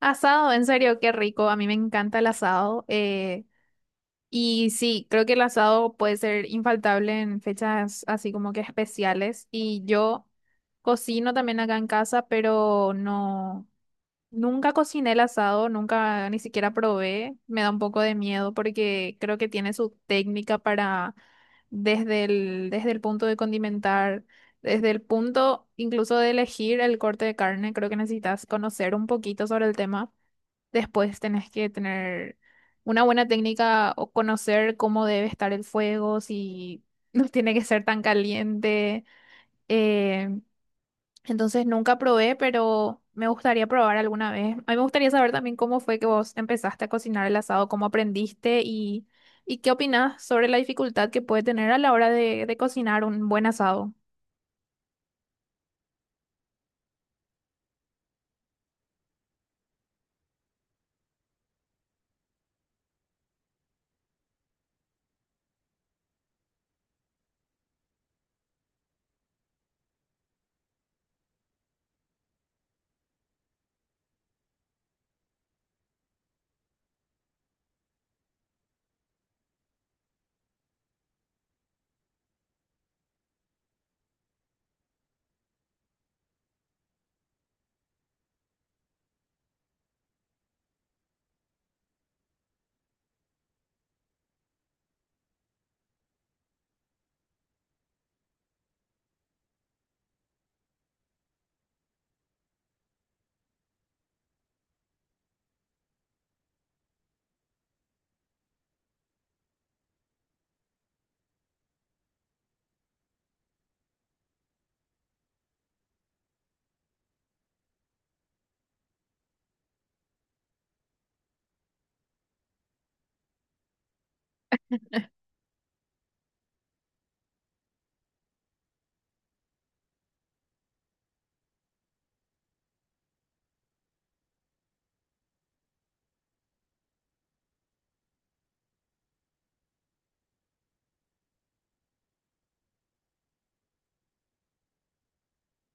Asado, en serio, qué rico. A mí me encanta el asado. Y sí, creo que el asado puede ser infaltable en fechas así como que especiales. Y yo cocino también acá en casa, pero no, nunca cociné el asado, nunca ni siquiera probé. Me da un poco de miedo porque creo que tiene su técnica para desde el punto de condimentar, desde el punto incluso de elegir el corte de carne. Creo que necesitas conocer un poquito sobre el tema. Después tenés que tener una buena técnica o conocer cómo debe estar el fuego, si no tiene que ser tan caliente. Eh, entonces nunca probé, pero me gustaría probar alguna vez. A mí me gustaría saber también cómo fue que vos empezaste a cocinar el asado, cómo aprendiste y qué opinás sobre la dificultad que puede tener a la hora de cocinar un buen asado.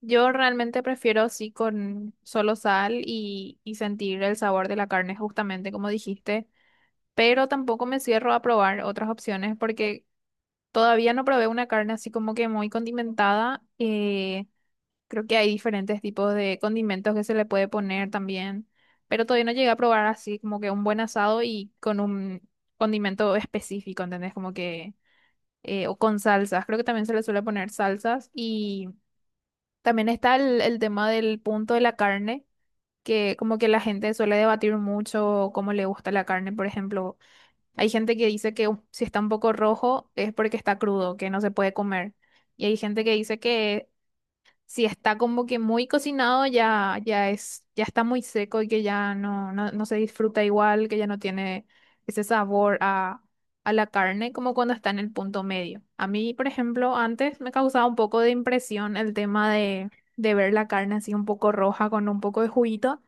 Yo realmente prefiero sí con solo sal y sentir el sabor de la carne, justamente como dijiste, pero tampoco me cierro a probar otras opciones porque todavía no probé una carne así como que muy condimentada. Creo que hay diferentes tipos de condimentos que se le puede poner también, pero todavía no llegué a probar así como que un buen asado y con un condimento específico, ¿entendés? Como que, o con salsas, creo que también se le suele poner salsas y también está el tema del punto de la carne. Que como que la gente suele debatir mucho cómo le gusta la carne, por ejemplo, hay gente que dice que si está un poco rojo es porque está crudo, que no se puede comer. Y hay gente que dice que si está como que muy cocinado, ya es, ya está muy seco y que ya no, no se disfruta igual, que ya no tiene ese sabor a la carne como cuando está en el punto medio. A mí, por ejemplo, antes me causaba un poco de impresión el tema de ver la carne así un poco roja con un poco de juguito,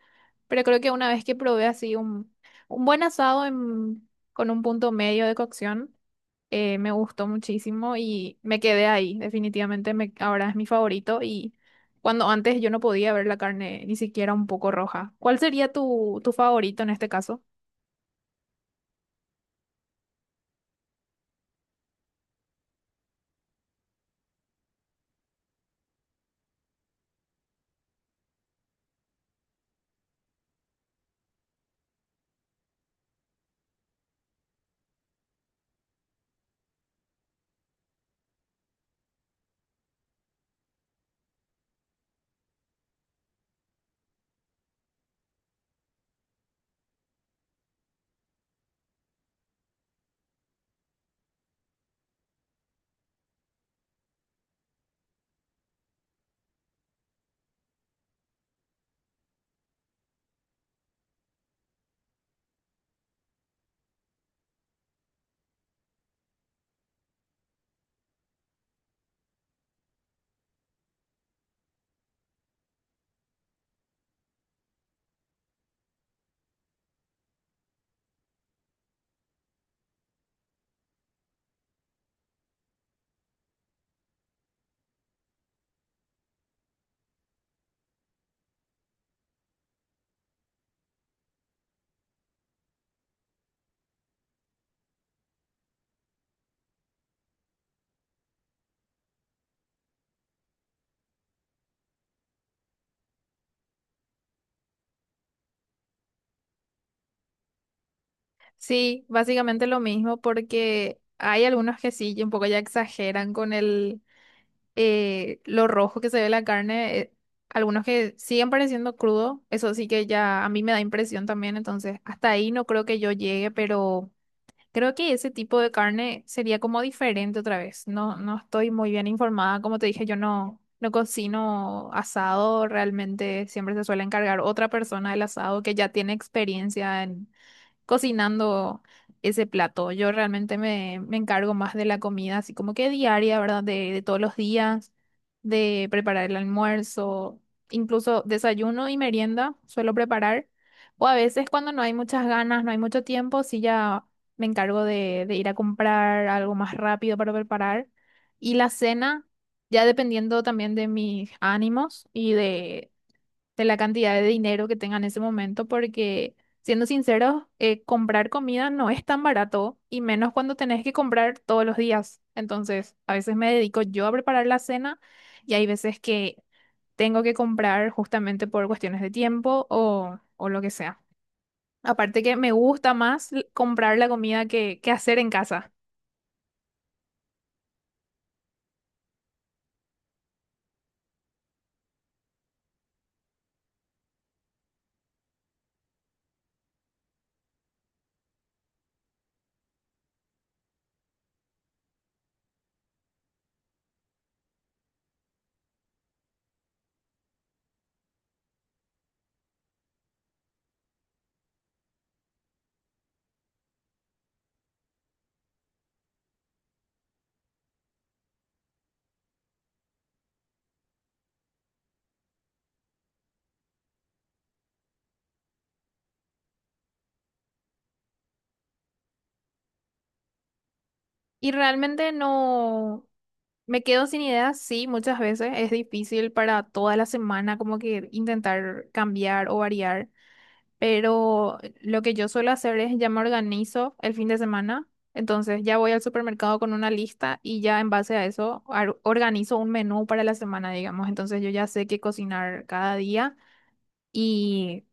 pero creo que una vez que probé así un buen asado con un punto medio de cocción, me gustó muchísimo y me quedé ahí. Definitivamente me, ahora es mi favorito y cuando antes yo no podía ver la carne ni siquiera un poco roja. ¿Cuál sería tu, tu favorito en este caso? Sí, básicamente lo mismo porque hay algunos que sí, un poco ya exageran con el lo rojo que se ve la carne. Algunos que siguen pareciendo crudo, eso sí que ya a mí me da impresión también, entonces hasta ahí no creo que yo llegue, pero... Creo que ese tipo de carne sería como diferente otra vez. No, no estoy muy bien informada. Como te dije, yo no, no cocino asado. Realmente siempre se suele encargar otra persona del asado que ya tiene experiencia en, cocinando ese plato. Yo realmente me, me encargo más de la comida, así como que diaria, ¿verdad? De todos los días, de preparar el almuerzo, incluso desayuno y merienda suelo preparar. O a veces cuando no hay muchas ganas, no hay mucho tiempo, sí ya me encargo de ir a comprar algo más rápido para preparar. Y la cena, ya dependiendo también de mis ánimos de la cantidad de dinero que tengan en ese momento, porque siendo sinceros, comprar comida no es tan barato y menos cuando tenés que comprar todos los días. Entonces, a veces me dedico yo a preparar la cena y hay veces que tengo que comprar justamente por cuestiones de tiempo o lo que sea. Aparte que me gusta más comprar la comida que hacer en casa. Y realmente no. Me quedo sin ideas, sí, muchas veces es difícil para toda la semana como que intentar cambiar o variar, pero lo que yo suelo hacer es ya me organizo el fin de semana, entonces ya voy al supermercado con una lista y ya en base a eso organizo un menú para la semana, digamos, entonces yo ya sé qué cocinar cada día y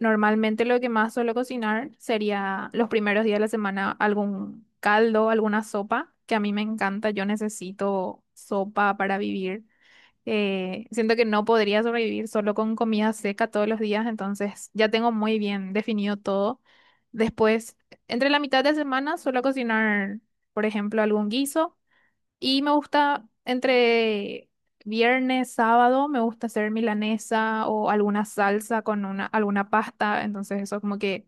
normalmente lo que más suelo cocinar sería los primeros días de la semana algún caldo, alguna sopa, que a mí me encanta. Yo necesito sopa para vivir. Siento que no podría sobrevivir solo con comida seca todos los días, entonces ya tengo muy bien definido todo. Después, entre la mitad de semana suelo cocinar, por ejemplo, algún guiso. Y me gusta entre viernes, sábado, me gusta hacer milanesa o alguna salsa con alguna pasta. Entonces eso como que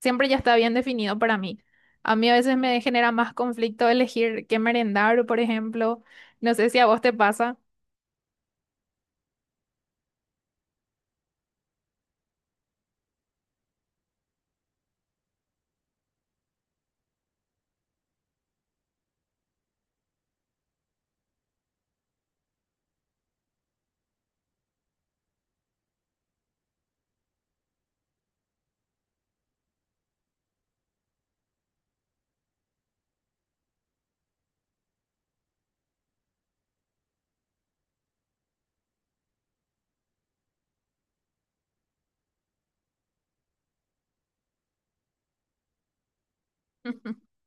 siempre ya está bien definido para mí. A mí a veces me genera más conflicto elegir qué merendar, por ejemplo. No sé si a vos te pasa.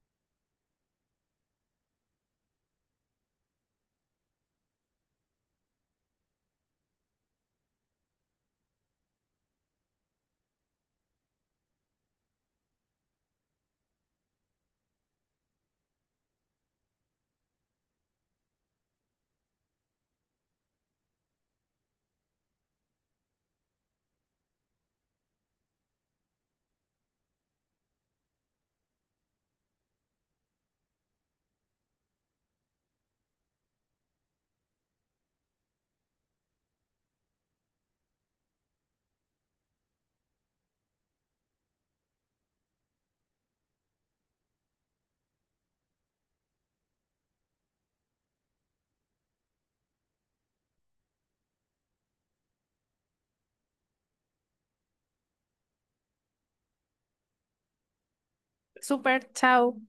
Súper, chao.